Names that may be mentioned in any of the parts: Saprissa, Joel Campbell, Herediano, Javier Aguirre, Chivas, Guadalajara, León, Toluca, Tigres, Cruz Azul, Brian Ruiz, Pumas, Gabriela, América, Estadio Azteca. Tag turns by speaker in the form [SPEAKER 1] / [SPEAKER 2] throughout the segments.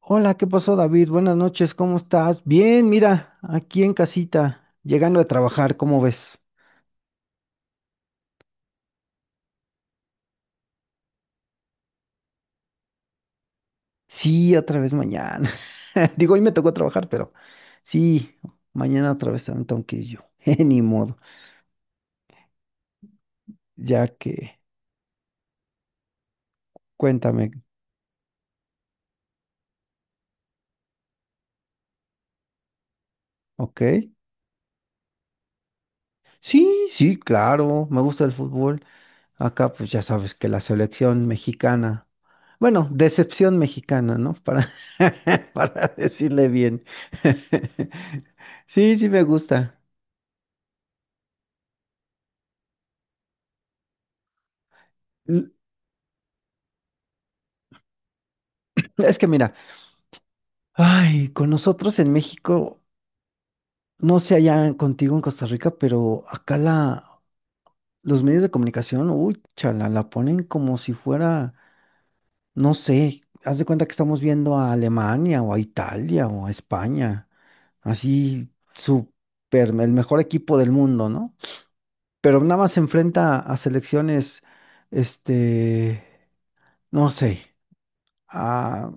[SPEAKER 1] Hola, ¿qué pasó, David? Buenas noches, ¿cómo estás? Bien, mira, aquí en casita, llegando a trabajar, ¿cómo ves? Sí, otra vez mañana. Digo, hoy me tocó trabajar, pero sí, mañana otra vez también tengo que ir yo. Ni modo, ya que, cuéntame, ¿ok? Sí, sí, claro, me gusta el fútbol. Acá, pues ya sabes que la selección mexicana, bueno, decepción mexicana, ¿no? Para, para decirle bien. Sí, sí me gusta. L- Es que mira, ay, con nosotros en México, no sé allá contigo en Costa Rica, pero acá los medios de comunicación, uy, chala, la ponen como si fuera, no sé, haz de cuenta que estamos viendo a Alemania o a Italia o a España, así súper, el mejor equipo del mundo, ¿no? Pero nada más se enfrenta a selecciones, este, no sé, a,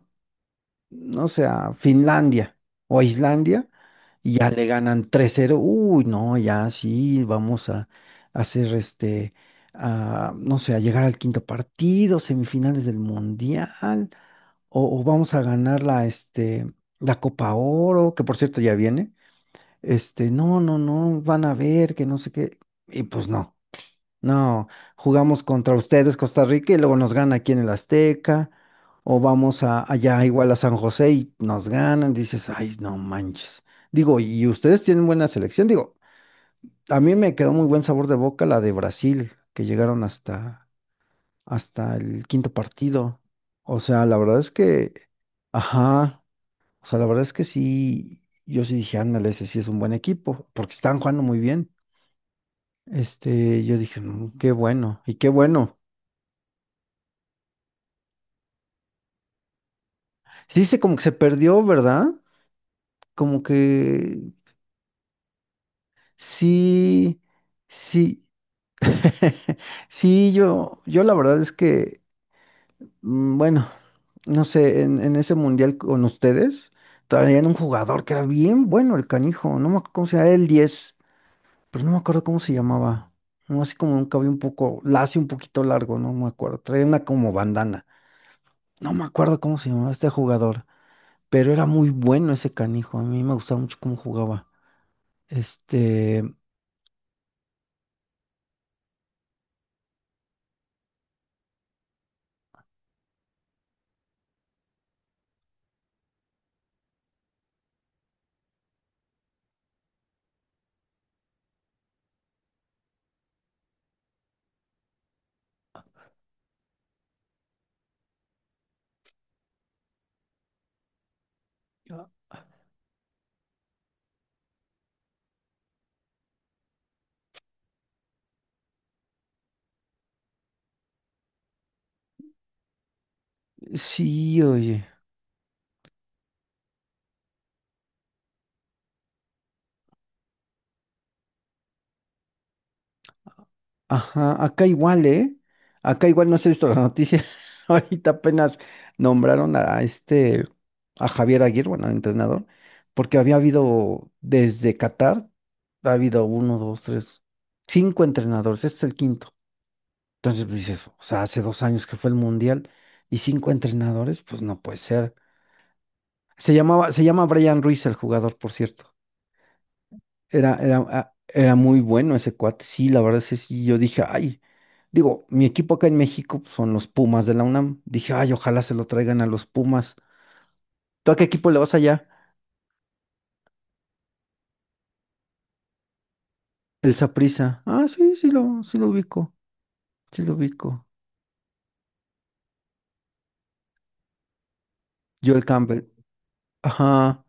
[SPEAKER 1] no sé, a Finlandia o a Islandia, y ya le ganan 3-0. Uy, no, ya sí, vamos a hacer no sé, a llegar al quinto partido, semifinales del Mundial, o vamos a ganar la Copa Oro, que por cierto ya viene. No, no, no, van a ver que no sé qué. Y pues no. No, jugamos contra ustedes, Costa Rica, y luego nos gana aquí en el Azteca, o vamos a, allá igual a San José y nos ganan, dices, ay, no manches. Digo, y ustedes tienen buena selección, digo, a mí me quedó muy buen sabor de boca la de Brasil, que llegaron hasta el quinto partido. O sea, la verdad es que, ajá, o sea, la verdad es que sí, yo sí dije, ándale, ese sí es un buen equipo, porque están jugando muy bien. Yo dije, "Mm, qué bueno, y qué bueno. Sí, se como que se perdió, ¿verdad? Como que sí, sí, sí, yo la verdad es que, bueno, no sé, en ese mundial con ustedes, traían un jugador que era bien bueno, el canijo, no me acuerdo cómo se llamaba, el 10, pero no me acuerdo cómo se llamaba, no, así como un cabello un poco lacio, un poquito largo, no me acuerdo, traía una como bandana, no me acuerdo cómo se llamaba este jugador, pero era muy bueno ese canijo, a mí me gustaba mucho cómo jugaba. Este, sí, oye. Ajá, acá igual, ¿eh? Acá igual no se ha visto la noticia. Ahorita apenas nombraron a a Javier Aguirre, bueno, al entrenador, porque había habido desde Qatar, ha habido uno, dos, tres, cinco entrenadores, este es el quinto. Entonces, pues dices, o sea, hace 2 años que fue el Mundial y cinco entrenadores, pues no puede ser. Se llamaba, se llama Brian Ruiz el jugador, por cierto. Era muy bueno ese cuate, sí, la verdad es que sí, yo dije, ay, digo, mi equipo acá en México pues, son los Pumas de la UNAM. Dije, ay, ojalá se lo traigan a los Pumas. ¿Tú a qué equipo le vas allá? El Saprissa. Ah, sí sí lo ubico, sí lo ubico. Joel Campbell. Ajá,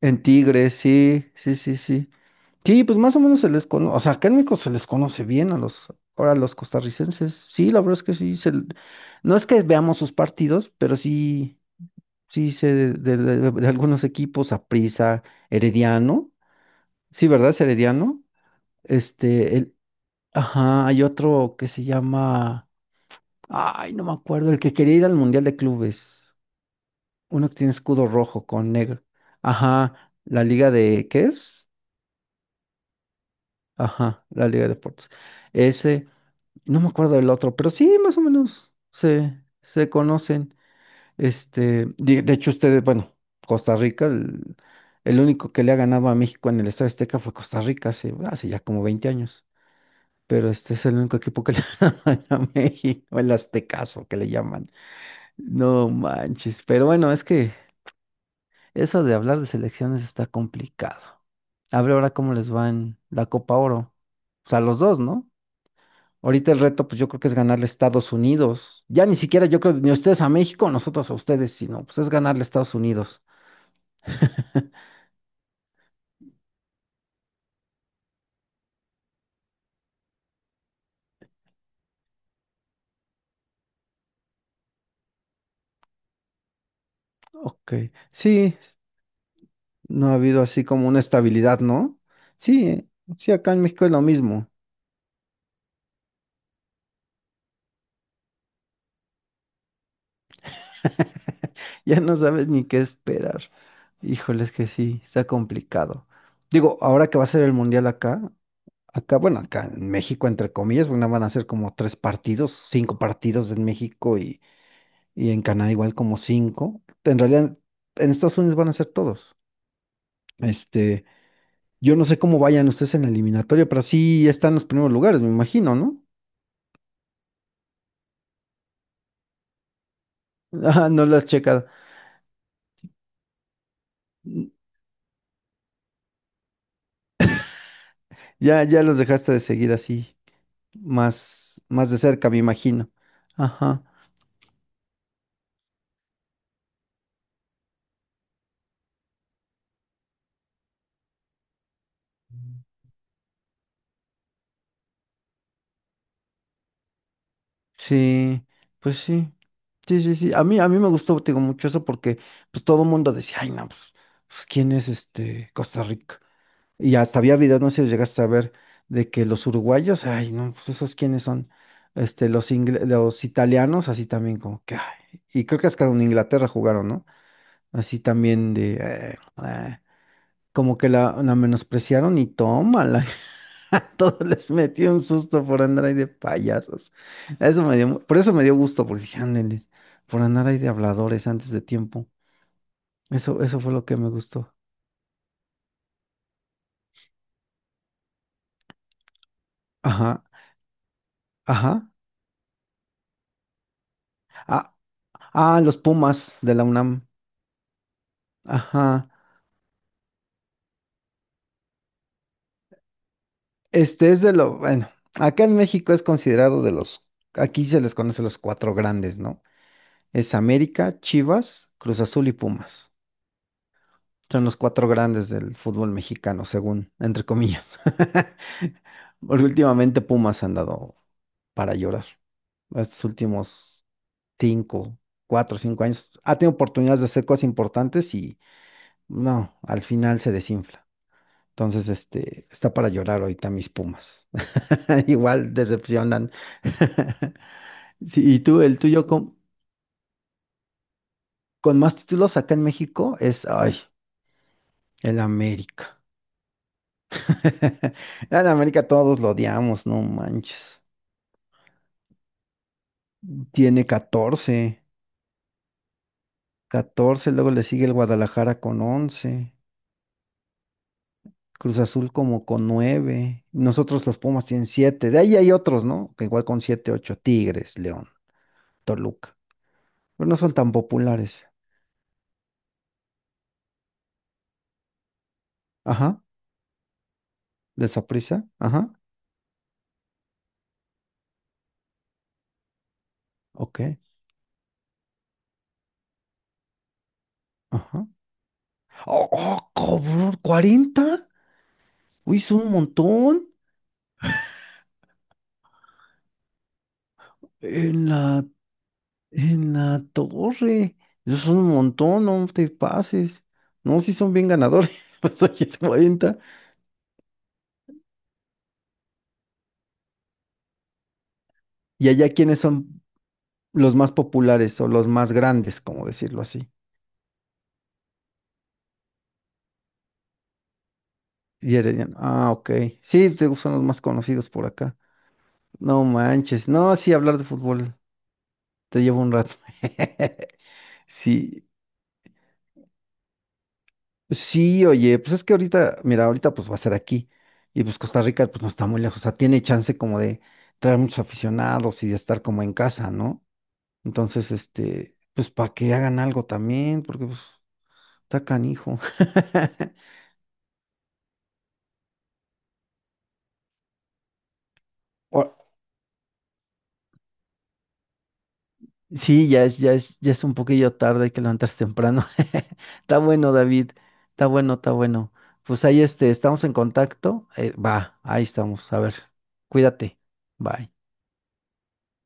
[SPEAKER 1] en Tigres, sí, sí, sí, sí. Sí, pues más o menos se les conoce, o sea, acá en México se les conoce bien a ahora a los costarricenses. Sí, la verdad es que sí, no es que veamos sus partidos, pero sí. Sí, sé de algunos equipos, Aprisa, Herediano. Sí, ¿verdad? Es Herediano. Este, el, ajá, hay otro que se llama. Ay, no me acuerdo, el que quería ir al Mundial de Clubes. Uno que tiene escudo rojo con negro. Ajá, la Liga de. ¿Qué es? Ajá, la Liga de Deportes. Ese, no me acuerdo del otro, pero sí, más o menos se conocen. De hecho, ustedes, bueno, Costa Rica, el único que le ha ganado a México en el Estadio Azteca fue Costa Rica hace ya como 20 años. Pero este es el único equipo que le ha ganado a México, el Aztecaso que le llaman. No manches. Pero bueno, es que eso de hablar de selecciones está complicado. A ver ahora cómo les va en la Copa Oro. O sea, los dos, ¿no? Ahorita el reto, pues yo creo que es ganarle a Estados Unidos. Ya ni siquiera yo creo ni ustedes a México, nosotros a ustedes, sino pues es ganarle a Estados Unidos. Ok, sí, no ha habido así como una estabilidad, ¿no? Sí, sí, acá en México es lo mismo. Ya no sabes ni qué esperar. Híjole, es que sí, está complicado. Digo, ahora que va a ser el mundial acá, acá, bueno, acá en México, entre comillas, bueno, van a ser como tres partidos, cinco partidos en México, y en Canadá igual como cinco. En realidad, en Estados Unidos van a ser todos. Este, yo no sé cómo vayan ustedes en la eliminatoria, pero sí están en los primeros lugares, me imagino, ¿no? Ah, no lo has checado. Ya, ya los dejaste de seguir así, más, más de cerca, me imagino. Ajá. Sí, pues sí. Sí, sí, sí. A mí me gustó, te digo, mucho eso porque pues todo el mundo decía, ay, no, pues, ¿quién es este Costa Rica? Y hasta había videos, no sé si llegaste a ver, de que los uruguayos, ay, no, pues esos quiénes son, los italianos, así también como que, ay. Y creo que hasta con Inglaterra jugaron, ¿no? Así también eh. Como que la menospreciaron y tómala. A todos les metió un susto por andar ahí de payasos. Eso me dio, mu- Por eso me dio gusto, porque dije, "Ándele, por andar ahí de habladores antes de tiempo. Eso fue lo que me gustó. Ajá, ajá. Ah, ah, los Pumas de la UNAM. Ajá. Este es de lo, bueno, acá en México es considerado de los, aquí se les conoce los cuatro grandes, ¿no? Es América, Chivas, Cruz Azul y Pumas. Son los cuatro grandes del fútbol mexicano, según, entre comillas. Porque últimamente Pumas han dado para llorar. Estos últimos cinco, cuatro, cinco años ha tenido oportunidades de hacer cosas importantes y no, al final se desinfla. Entonces, está para llorar ahorita mis Pumas. Igual decepcionan. Sí, y tú, el tuyo con más títulos acá en México es, ay, el América. En América todos lo odiamos, no manches. Tiene 14, 14. Luego le sigue el Guadalajara con 11, Cruz Azul como con 9. Nosotros los Pumas tienen 7. De ahí hay otros, ¿no? Que igual con 7, 8. Tigres, León, Toluca, pero no son tan populares. Ajá, de Saprissa, ajá, ok, ajá. ¡Oh, oh, cabrón! ¿40? Uy, es un montón. En la En la torre. Esos son un montón, no te pases. No, si son bien ganadores, pues aquí es 40. Y allá, ¿quiénes son los más populares o los más grandes, como decirlo así? Y Herediano. Ah, ok. Sí, te- son los más conocidos por acá. No manches. No, sí, hablar de fútbol te lleva un rato. Sí, sí, oye, pues es que ahorita, mira, ahorita pues va a ser aquí. Y pues Costa Rica pues no está muy lejos. O sea, tiene chance como de traer muchos aficionados y de estar como en casa, ¿no? Entonces, pues para que hagan algo también, porque pues está canijo. O- Sí, ya es, ya es, ya es un poquillo tarde, hay que levantarse temprano. Está bueno, David. Está bueno, está bueno. Pues ahí estamos en contacto. Va, ahí estamos. A ver, cuídate. Bye.